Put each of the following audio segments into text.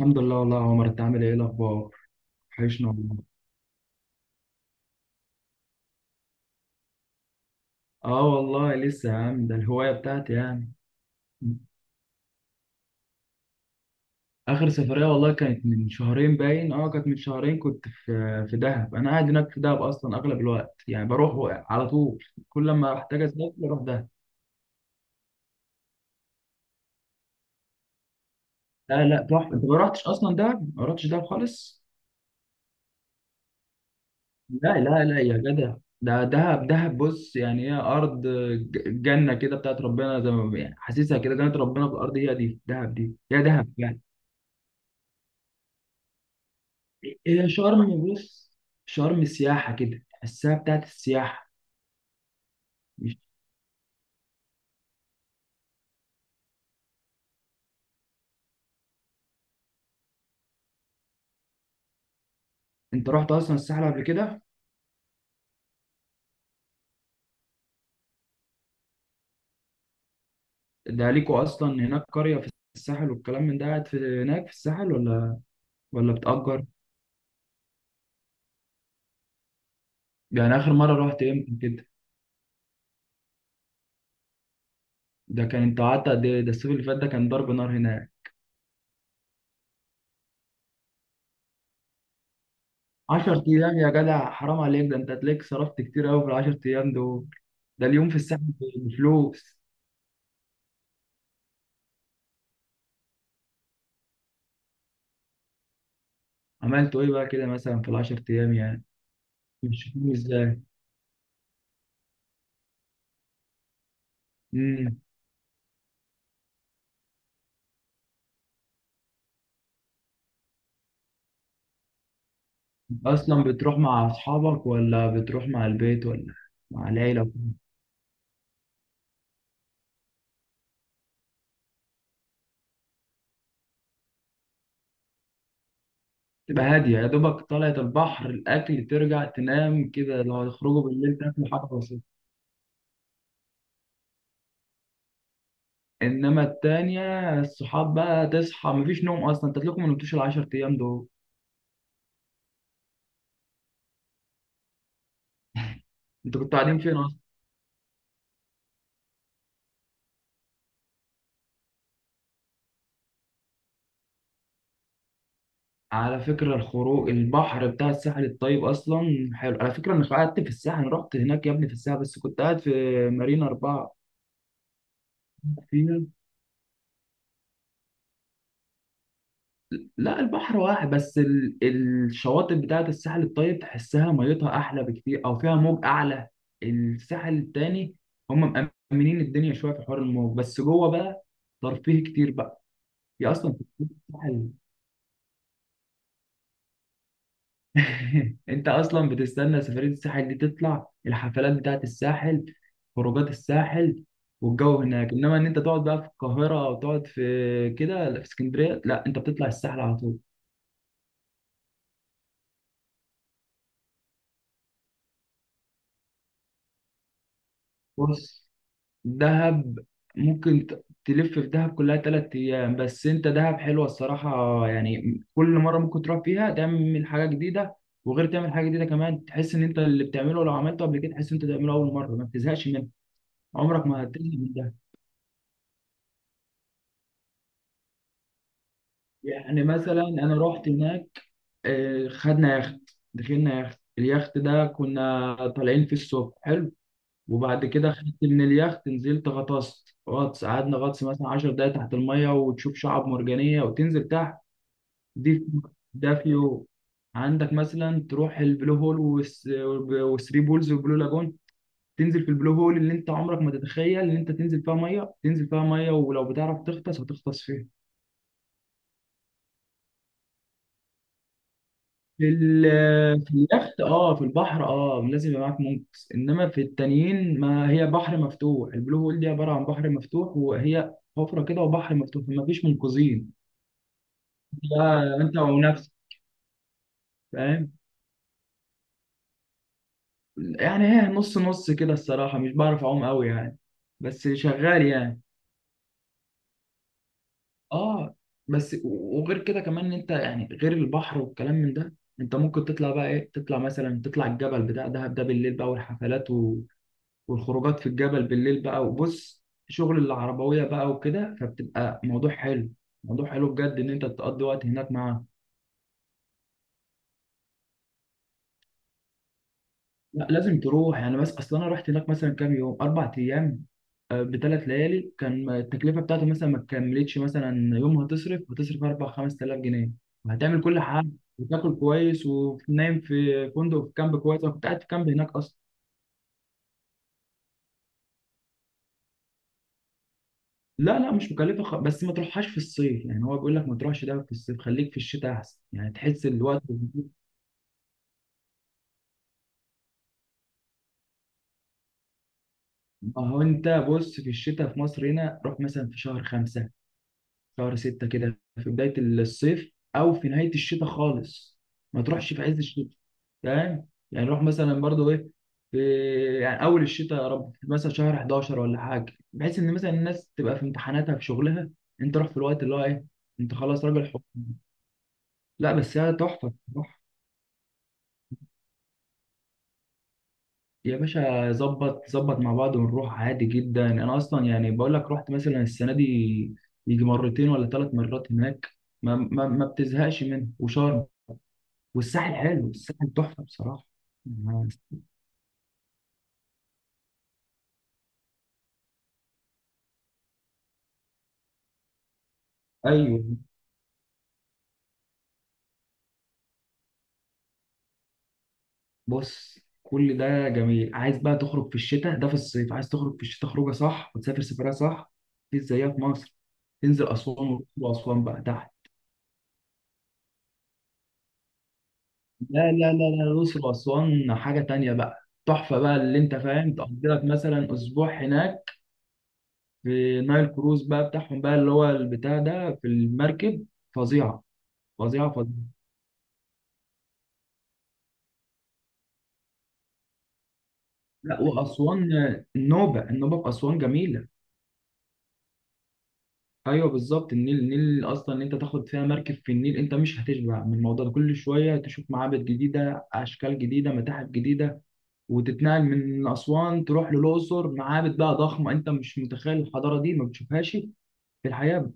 الحمد لله والله يا عمر، انت عامل ايه الاخبار؟ وحشنا والله. اه والله لسه يا عم، ده الهوايه بتاعتي يعني. اخر سفريه والله كانت من شهرين باين، اه كانت من شهرين. كنت في دهب، انا قاعد هناك في دهب اصلا اغلب الوقت يعني، بروح على طول كل ما احتاج اسافر اروح دهب. لا لا تحفه، انت ما رحتش اصلا دهب، ما رحتش دهب خالص. لا لا لا يا جدع، ده دهب بص، يعني هي ارض جنه كده بتاعت ربنا، زي ما يعني حاسسها كده جنه ربنا في الارض، هي دي دهب، دي دهب يعني. إيه، شرم بص، شرم سياحة كده تحسها بتاعت السياحة. مش انت رحت اصلا الساحل قبل كده؟ ده ليكوا اصلا هناك قرية في الساحل والكلام من ده، قاعد في هناك في الساحل ولا ولا بتأجر؟ يعني اخر مرة رحت امتى كده؟ ده كان انت قعدت قد ايه؟ ده الصيف اللي فات ده كان ضرب نار هناك. 10 ايام يا جدع حرام عليك، ده انت هتلاقيك صرفت كتير قوي في ال 10 ايام دول، ده اليوم في الساحل بفلوس. عملتوا ايه بقى كده مثلا في ال 10 ايام يعني؟ مش فاهم ازاي. اصلا بتروح مع اصحابك ولا بتروح مع البيت ولا مع العيله؟ تبقى هاديه، يا دوبك طلعت البحر، الاكل، ترجع تنام كده، لو هيخرجوا بالليل تاكل حاجه بسيطه. انما التانية الصحاب بقى، تصحى مفيش نوم اصلا، انت تلاقيكم ما نمتوش العشر ايام دول. انتوا كنتوا قاعدين فين اصلا؟ على فكره الخروج البحر بتاع الساحل الطيب اصلا حلو، على فكره انا قعدت في الساحل، أنا رحت هناك يا ابني في الساحل بس كنت قاعد في مارينا اربعه. فيها، لا البحر واحد بس ال... الشواطئ بتاعت الساحل الطيب تحسها ميتها احلى بكتير، او فيها موج اعلى الساحل التاني. هم مأمنين الدنيا شويه في حوار الموج، بس جوه بقى ترفيه كتير بقى. هي اصلا في الساحل انت اصلا بتستنى سفريه الساحل دي، تطلع الحفلات بتاعت الساحل، خروجات الساحل والجو هناك. انما ان انت تقعد بقى في القاهره او تقعد في كده لا، في اسكندريه لا، انت بتطلع الساحل على طول. بص دهب ممكن تلف في دهب كلها تلات أيام، بس أنت دهب حلوة الصراحة يعني، كل مرة ممكن تروح فيها تعمل حاجة جديدة. وغير تعمل حاجة جديدة كمان، تحس إن أنت اللي بتعمله لو عملته قبل كده تحس إن أنت تعمله أول مرة، ما بتزهقش منه، عمرك ما هتزهق من ده. يعني مثلا أنا رحت هناك، آه، خدنا يخت، دخلنا يخت، اليخت ده كنا طالعين في الصبح حلو، وبعد كده خدت من اليخت نزلت غطست غطس، قعدنا غطس مثلا 10 دقايق تحت المية، وتشوف شعاب مرجانية وتنزل تحت. دي ده في يوم. عندك مثلا تروح البلو هول والثري بولز والبلو لاجون. تنزل في البلو هول اللي انت عمرك ما تتخيل ان انت تنزل فيها ميه، تنزل فيها ميه، ولو بتعرف تغطس هتغطس فيها. في اليخت اه، في البحر اه، لازم يبقى معاك منقذ. انما في التانيين ما هي بحر مفتوح، البلو هول دي عباره عن بحر مفتوح، وهي حفره كده وبحر مفتوح، فما فيش منقذين. لا انت ونفسك فاهم يعني. ايه نص نص كده الصراحة، مش بعرف أعوم قوي يعني، بس شغال يعني. اه، بس وغير كده كمان، إن انت يعني غير البحر والكلام من ده، انت ممكن تطلع بقى ايه، تطلع مثلا تطلع الجبل بتاع دهب ده بالليل بقى، والحفلات والخروجات في الجبل بالليل بقى، وبص شغل العربوية بقى وكده، فبتبقى موضوع حلو، موضوع حلو بجد ان انت تقضي وقت هناك معاه. لا لازم تروح يعني، بس اصل انا رحت هناك مثلا كام يوم، اربع ايام بثلاث ليالي، كان التكلفه بتاعته مثلا ما تكملتش مثلا يوم، هتصرف هتصرف 4 5000 جنيه وهتعمل كل حاجه، وتاكل كويس ونايم في فندق في كامب كويس، انا كنت قاعد في كامب هناك اصلا. لا لا مش مكلفه، خ... بس ما تروحهاش في الصيف يعني، هو بيقول لك ما تروحش ده في الصيف، خليك في الشتاء احسن يعني تحس الوقت. ما هو انت بص في الشتاء في مصر هنا، روح مثلا في شهر خمسة شهر ستة كده، في بداية الصيف أو في نهاية الشتاء خالص، ما تروحش في عز الشتاء فاهم يعني. روح مثلا برضو إيه في يعني أول الشتاء، يا رب مثلا شهر 11 ولا حاجة، بحيث إن مثلا الناس تبقى في امتحاناتها في شغلها، أنت روح في الوقت اللي هو إيه، أنت خلاص راجل حب. لا بس هي تحفة، روح. يا باشا ظبط ظبط مع بعض ونروح عادي جدا، أنا أصلا يعني بقول لك رحت مثلا السنة دي يجي مرتين ولا ثلاث مرات هناك، ما بتزهقش منه. وشرم والساحل حلو، الساحل تحفه بصراحه. أنا- ايوه بص كل ده جميل، عايز بقى تخرج في الشتاء، ده في الصيف عايز تخرج، في الشتاء خروجه صح وتسافر سفريه صح مفيش زيها في مصر. تنزل اسوان والأقصر، واسوان بقى تحت، لا لا لا لا، الأقصر وأسوان حاجة تانية بقى، تحفة بقى اللي أنت فاهم، تقضي لك مثلا أسبوع هناك، في نايل كروز بقى بتاعهم بقى اللي هو البتاع ده في المركب، فظيعة فظيعة فظيعة. لا وأسوان، النوبة النوبة في أسوان جميلة. ايوه بالظبط، النيل النيل اصلا، ان انت تاخد فيها مركب في النيل انت مش هتشبع من الموضوع ده، كل شويه تشوف معابد جديده، اشكال جديده، متاحف جديده، وتتنقل من اسوان تروح للاقصر، معابد بقى ضخمه انت مش متخيل الحضاره دي، ما بتشوفهاش في الحياه.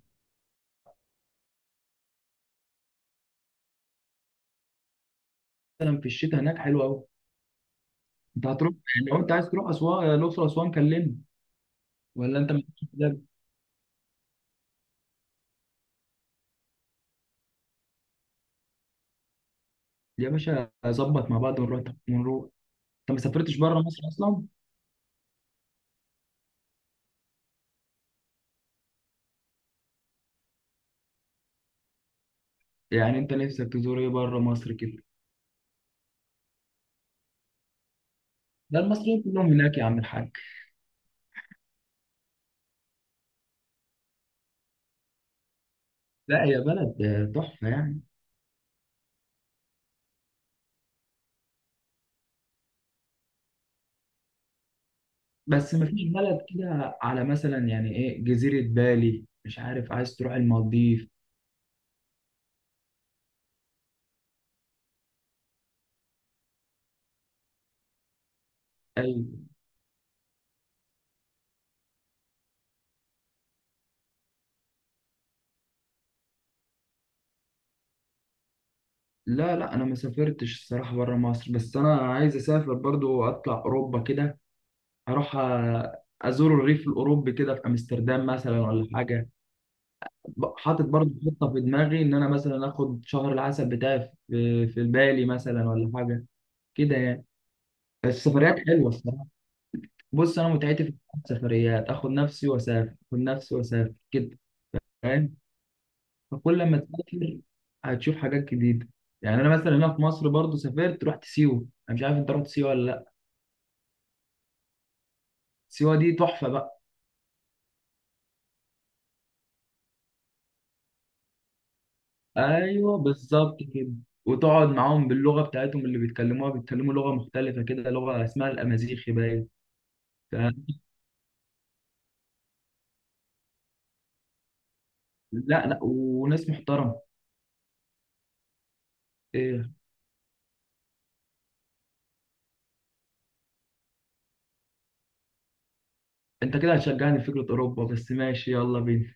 مثلا في الشتاء هناك حلو قوي. انت هتروح، لو انت عايز تروح اسوان الاقصر اسوان كلمني، ولا انت مش ده؟ يا باشا ظبط مع بعض ونروح ونروح. انت ما سافرتش بره مصر اصلا؟ يعني انت نفسك تزور ايه بره مصر كده؟ ده المصريين كلهم هناك يا عم الحاج. لا هي بلد آه، تحفة يعني. بس مفيش بلد كده على مثلا، يعني ايه جزيرة بالي مش عارف، عايز تروح المالديف؟ اي. لا لا انا ما سافرتش الصراحة بره مصر، بس انا عايز اسافر برضو اطلع اوروبا كده، اروح آه، ازور الريف الاوروبي كده في امستردام مثلا ولا حاجة. حاطط برضو خطة في دماغي، ان انا مثلا اخد شهر العسل بتاعي في بالي مثلا ولا حاجة كده يعني. السفريات حلوة الصراحة. بص انا متعتي في السفريات، اخد نفسي واسافر، اخد نفسي واسافر كده فاهم. فكل لما تسافر هتشوف حاجات جديده. يعني انا مثلا هنا في مصر برضو سافرت، رحت سيوه، انا مش عارف انت رحت سيوه ولا لا. سيوه دي تحفه بقى. ايوه بالظبط كده، وتقعد معاهم باللغه بتاعتهم اللي بيتكلموها، بيتكلموا لغه مختلفه كده، لغه اسمها الامازيغي باين. ف- لا لا وناس محترمه. ايه؟ انت كده هتشجعني في فكره اوروبا، بس ماشي يلا بينا.